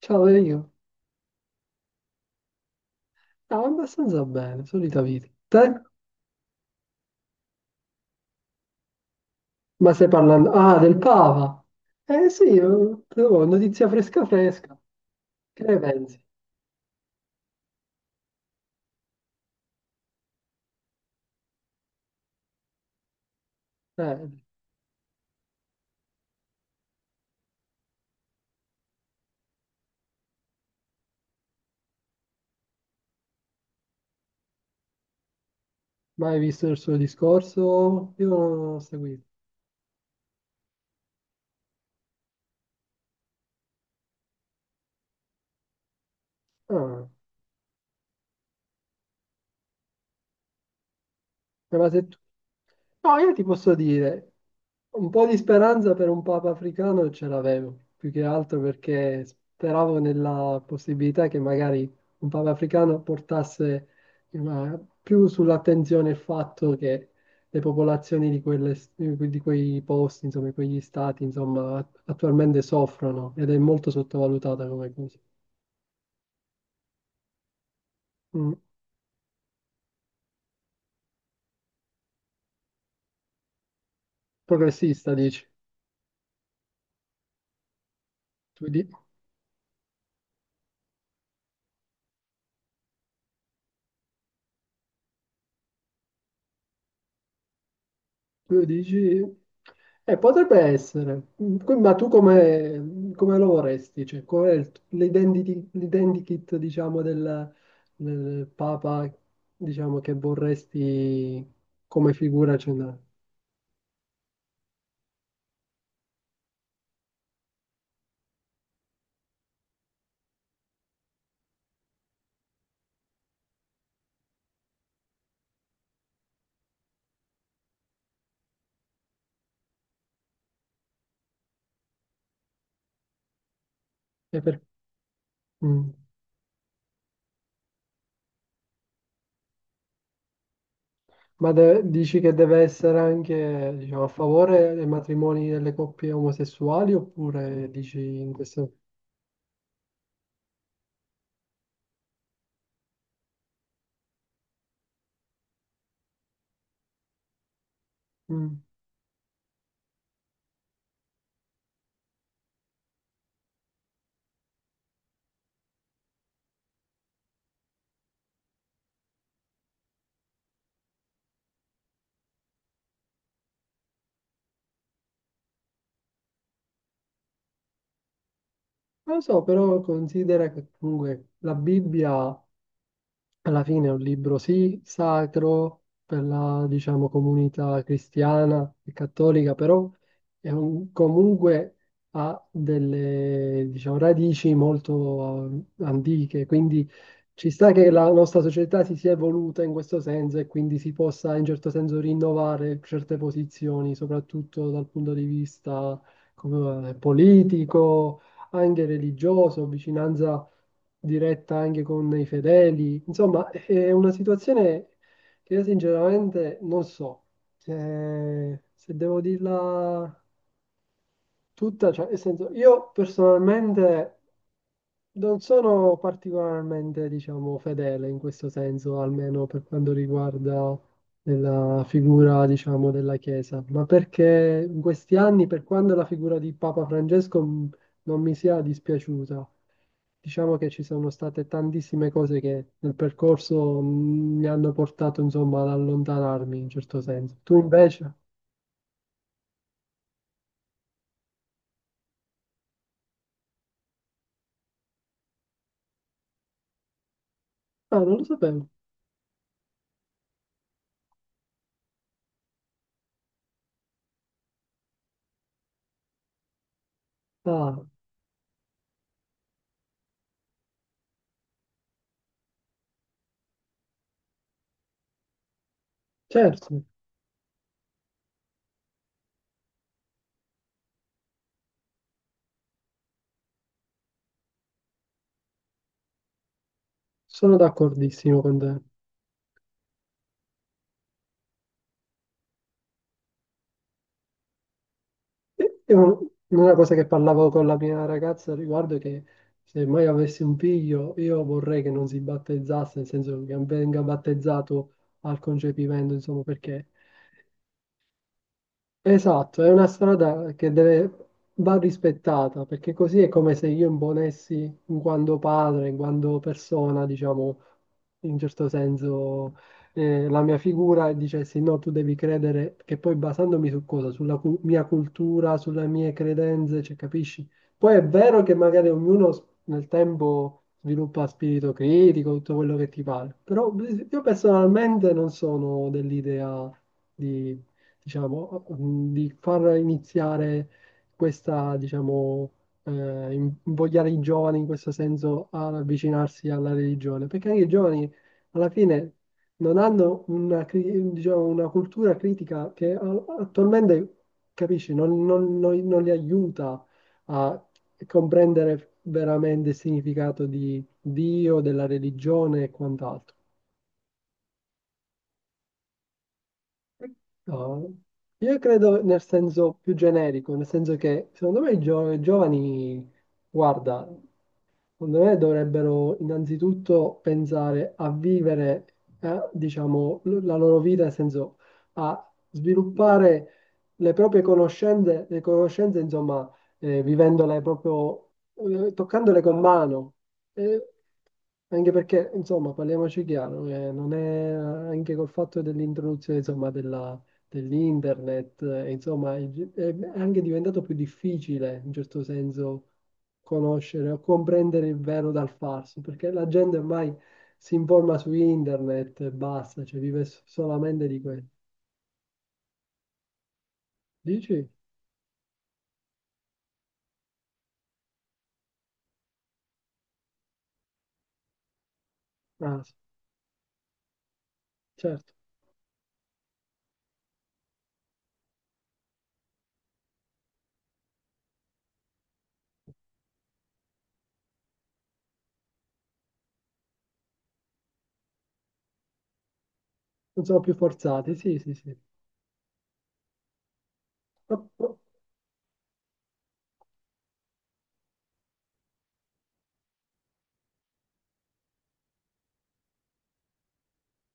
Ciao Dario, stavo abbastanza bene, solita vita. Te? Ma stai parlando? Ah, del Papa! Eh sì, però, notizia fresca fresca. Che ne pensi? Eh, mai visto il suo discorso? Io non l'ho seguito. Ah. Ma se tu- No, io ti posso dire, un po' di speranza per un Papa africano ce l'avevo, più che altro perché speravo nella possibilità che magari un Papa africano portasse una- più sull'attenzione il fatto che le popolazioni di, quelle- di quei posti, insomma, di quegli stati, insomma, attualmente soffrono ed è molto sottovalutata come cosa. Mm. Progressista, dici? Tu di- Tu dici? Potrebbe essere. Que- ma tu come lo vorresti? Cioè, qual è il- t- l'identity- l'identikit, diciamo, del, del Papa, diciamo, che vorresti come figura centrale? E per- mm. Ma de- dici che deve essere anche, diciamo, a favore dei matrimoni delle coppie omosessuali oppure dici in questo... Mm. Non lo so, però considera che comunque la Bibbia alla fine è un libro, sì, sacro per la, diciamo, comunità cristiana e cattolica, però è un- comunque ha delle, diciamo, radici molto antiche, quindi ci sta che la nostra società si sia evoluta in questo senso e quindi si possa in certo senso rinnovare certe posizioni, soprattutto dal punto di vista come, politico, anche religioso, vicinanza diretta anche con i fedeli. Insomma, è una situazione che io sinceramente non so. Se devo dirla tutta, cioè, nel senso, io personalmente. Non sono particolarmente, diciamo, fedele in questo senso, almeno per quanto riguarda la figura, diciamo, della Chiesa, ma perché in questi anni, per quanto la figura di Papa Francesco non mi sia dispiaciuta, diciamo che ci sono state tantissime cose che nel percorso mi hanno portato, insomma, ad allontanarmi in certo senso. Tu invece? Ah, non lo sapevo. Ah, certo, sono d'accordissimo con te. È un- una cosa che parlavo con la mia ragazza al riguardo è che se mai avessi un figlio, io vorrei che non si battezzasse, nel senso che venga battezzato al concepimento, insomma, perché. Esatto, è una strada che va rispettata, perché così è come se io imponessi in quanto padre, in quanto persona, diciamo, in certo senso, la mia figura e dicessi no, tu devi credere, che poi basandomi su cosa? Sulla cu- mia cultura, sulle mie credenze, cioè, capisci? Poi è vero che magari ognuno s- nel tempo sviluppa spirito critico, tutto quello che ti pare, però io personalmente non sono dell'idea di, diciamo, di far iniziare questa, diciamo, eh, in- invogliare i giovani in questo senso ad avvicinarsi alla religione, perché anche i giovani alla fine non hanno una, cri- diciamo, una cultura critica che a- attualmente, capisci, non li aiuta a comprendere veramente il significato di Dio, della religione e quant'altro. No, io credo nel senso più generico, nel senso che secondo me i gio- giovani, guarda, secondo me dovrebbero innanzitutto pensare a vivere, diciamo, l- la loro vita, nel senso a sviluppare le proprie conoscenze, le conoscenze, insomma, vivendole proprio, toccandole con mano. Anche perché, insomma, parliamoci chiaro, non è anche col fatto dell'introduzione, insomma, della- dell'internet, insomma, è anche diventato più difficile, in certo senso, conoscere o comprendere il vero dal falso, perché la gente ormai si informa su internet e basta, cioè vive s- solamente di quello. Dici? Ah, sì, certo, non sono più forzati, sì, sì, sì. Ma-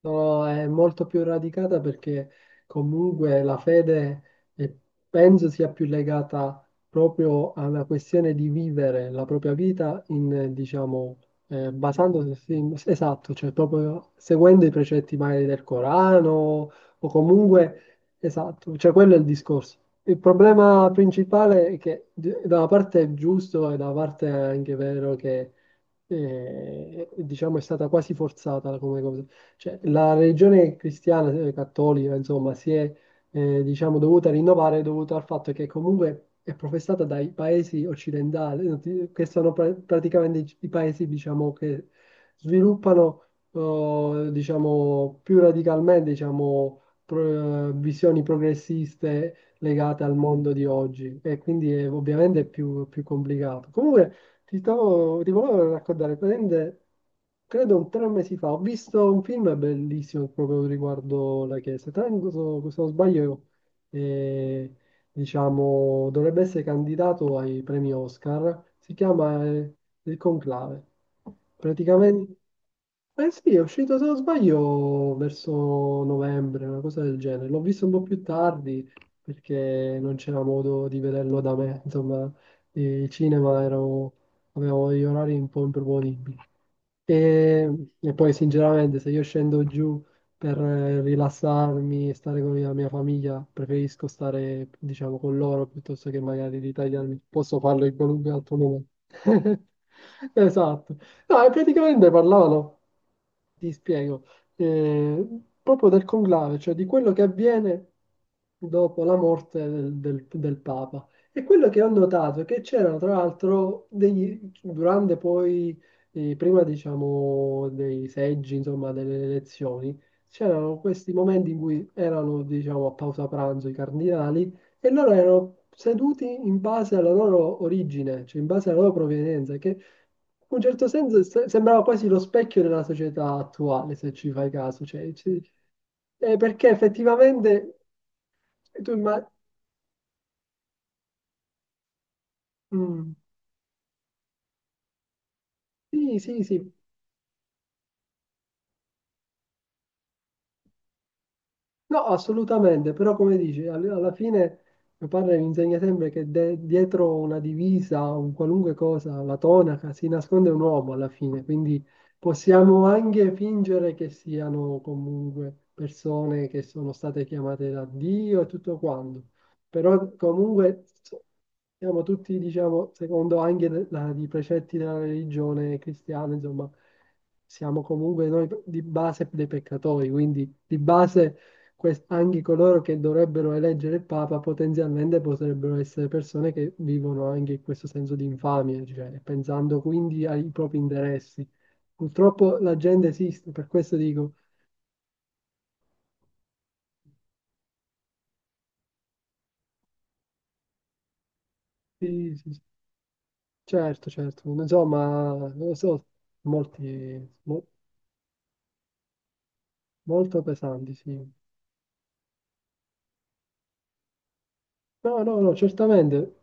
No, è molto più radicata perché comunque la fede eh, penso sia più legata proprio alla questione di vivere la propria vita in, diciamo, basandosi, esatto, cioè proprio seguendo i precetti magari del Corano o comunque, esatto, cioè quello è il discorso. Il problema principale è che d- da una parte è giusto e da una parte è anche vero che diciamo è stata quasi forzata come cosa. Cioè, la religione cristiana, cattolica, insomma, si è, diciamo, dovuta rinnovare dovuto al fatto che comunque è professata dai paesi occidentali, che sono pra- praticamente i paesi, diciamo, che sviluppano, diciamo, più radicalmente, diciamo, pro- visioni progressiste legate al mondo di oggi e quindi è ovviamente più, più complicato. Comunque, ti volevo raccontare, praticamente, credo un 3 mesi fa, ho visto un film bellissimo proprio riguardo la Chiesa. Tra l'altro, se non sbaglio, eh, diciamo, dovrebbe essere candidato ai premi Oscar. Si chiama, Il Conclave. Praticamente, eh sì, è uscito, se non sbaglio, verso novembre, una cosa del genere. L'ho visto un po' più tardi perché non c'era modo di vederlo da me, insomma il cinema ero avevo degli orari un po' improponibili. E, e poi sinceramente se io scendo giù per rilassarmi e stare con la mia famiglia, preferisco stare, diciamo, con loro piuttosto che magari ritagliarmi. Posso farlo in qualunque altro momento. Esatto. No, e praticamente parlavano, ti spiego, eh, proprio del conclave, cioè di quello che avviene dopo la morte del Papa. E quello che ho notato è che c'erano tra l'altro degli, durante poi, prima diciamo dei seggi, insomma delle elezioni, c'erano questi momenti in cui erano diciamo a pausa pranzo i cardinali e loro erano seduti in base alla loro origine, cioè in base alla loro provenienza, che in un certo senso se- sembrava quasi lo specchio della società attuale, se ci fai caso, cioè, ci- perché effettivamente tu immagini... sì, sì, sì. No, assolutamente, però come dici, alla fine mio padre mi insegna sempre che de- dietro una divisa, un qualunque cosa, la tonaca, si nasconde un uomo alla fine, quindi possiamo anche fingere che siano comunque persone che sono state chiamate da Dio e tutto quanto, però comunque siamo tutti, diciamo, secondo anche i precetti della religione cristiana, insomma, siamo comunque noi di base dei peccatori, quindi di base anche coloro che dovrebbero eleggere il Papa potenzialmente potrebbero essere persone che vivono anche questo senso di infamia, cioè pensando quindi ai propri interessi. Purtroppo la gente esiste, per questo dico, sì, sì, sì, certo, certo, insomma, lo so, molti, mo- molto pesanti, sì. No, no, no, certamente.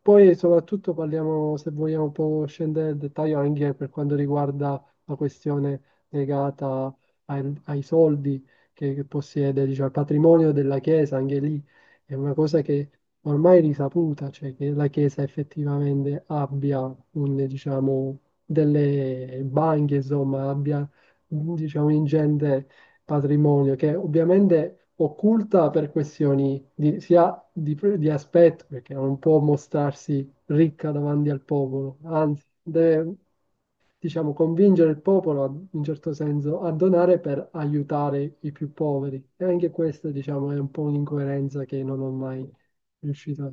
Poi soprattutto parliamo, se vogliamo, un po' scendere nel dettaglio anche per quanto riguarda la questione legata ai soldi che possiede, diciamo, il patrimonio della Chiesa, anche lì è una cosa che ormai è risaputa, cioè che la Chiesa effettivamente abbia un, diciamo, delle banche, insomma, abbia, diciamo, ingente patrimonio che ovviamente occulta per questioni di, sia di aspetto, perché non può mostrarsi ricca davanti al popolo, anzi deve, diciamo, convincere il popolo in certo senso a donare per aiutare i più poveri. E anche questa, diciamo, è un po' un'incoerenza che non ho mai riuscito a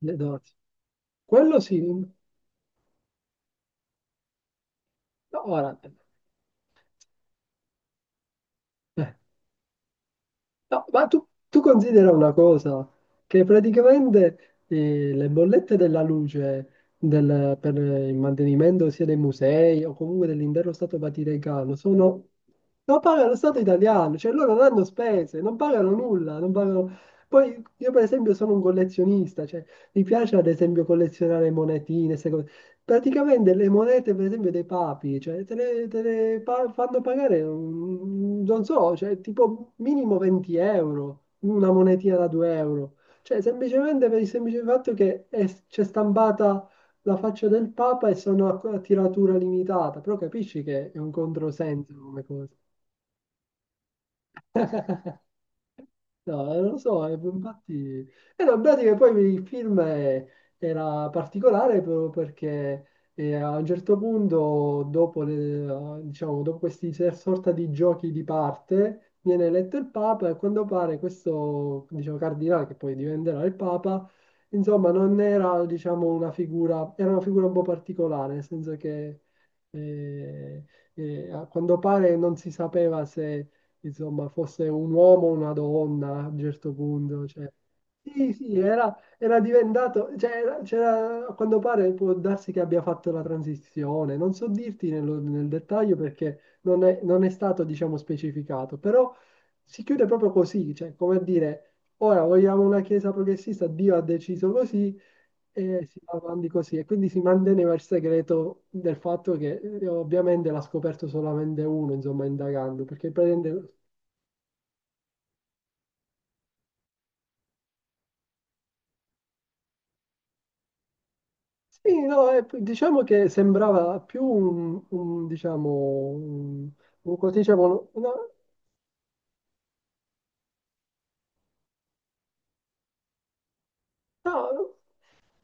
le doti. Quello sì, no, ora, eh, no, ma tu, considera una cosa, che praticamente le bollette della luce per il mantenimento sia dei musei o comunque dell'intero Stato Vaticano sono, lo paga lo Stato italiano, cioè loro non hanno spese, non pagano nulla, non pagano... Poi io per esempio sono un collezionista, cioè mi piace ad esempio collezionare monetine. Praticamente le monete, per esempio, dei papi, cioè, te le fanno pagare, non so, cioè, tipo minimo 20 euro, una monetina da 2 euro. Cioè, semplicemente per il semplice fatto che c'è stampata la faccia del papa e sono a tiratura limitata. Però capisci che è un controsenso come cosa. No, non lo so, infatti... E no, in pratica poi il film era particolare proprio perché a un certo punto, dopo, diciamo, dopo questi sorta di giochi di parte, viene eletto il Papa e a quanto pare questo, diciamo, cardinale, che poi diventerà il Papa, insomma, non era, diciamo, una figura... Era una figura un po' particolare, nel senso che... eh, a quanto pare non si sapeva se insomma, fosse un uomo o una donna a un certo punto. Cioè. Sì, sì, era diventato, cioè, a quanto pare può darsi che abbia fatto la transizione, non so dirti nel dettaglio perché non è stato, diciamo, specificato, però si chiude proprio così, cioè, come a dire, ora vogliamo una chiesa progressista, Dio ha deciso così e si va avanti così, e quindi si manteneva il segreto del fatto che ovviamente l'ha scoperto solamente uno, insomma, indagando, perché praticamente sì, no, diciamo che sembrava più un, un, un come ti dicevo, una- no.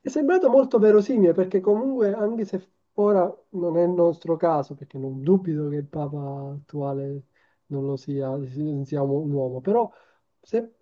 È sembrato molto verosimile perché comunque, anche se ora non è il nostro caso, perché non dubito che il Papa attuale non lo sia, non sia un uomo, però se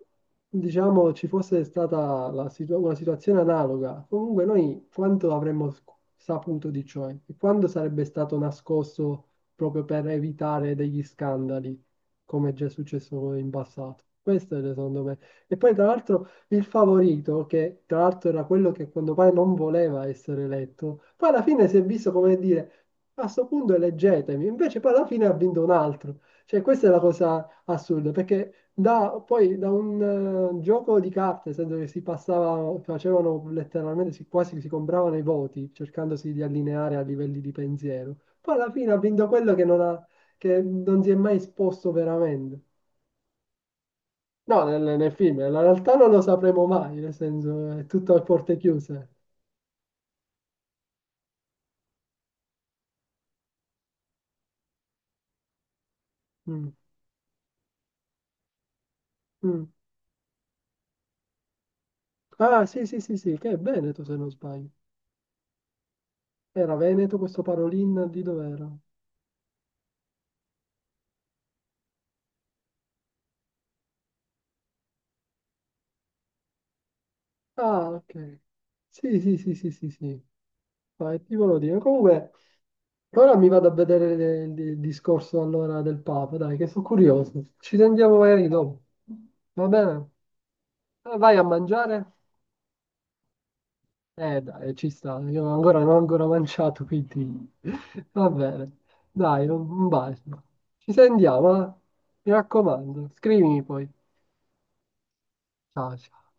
diciamo ci fosse stata la una situazione analoga, comunque noi quanto avremmo saputo di ciò e quanto sarebbe stato nascosto proprio per evitare degli scandali, come è già successo in passato. Questo è secondo me. E poi tra l'altro il favorito, che tra l'altro era quello che quando pare non voleva essere eletto, poi alla fine si è visto come dire, a sto punto eleggetemi, invece poi alla fine ha vinto un altro. Cioè, questa è la cosa assurda, perché poi da un gioco di carte, nel senso che si passava, facevano letteralmente, si, quasi si compravano i voti, cercandosi di allineare a livelli di pensiero. Poi alla fine ha vinto quello che non si è mai esposto veramente. No, nel film, nella realtà non lo sapremo mai, nel senso è tutto a porte chiuse. Mm, mm. Ah, sì, sì, sì, sì, che è Veneto se non sbaglio. Era Veneto questo Parolin di dov'era? Ah, ok. Sì, sì, sì, sì, sì, sì. Vai, ti volevo dire. Comunque, ora mi vado a vedere il discorso allora del Papa, dai, che sono curioso. Ci sentiamo magari dopo. Va bene? Vai a mangiare? Dai, ci sta, io ancora non ho ancora mangiato, quindi va bene. Dai, un bacio. Ci sentiamo, eh? Mi raccomando, scrivimi poi. Ciao, ciao.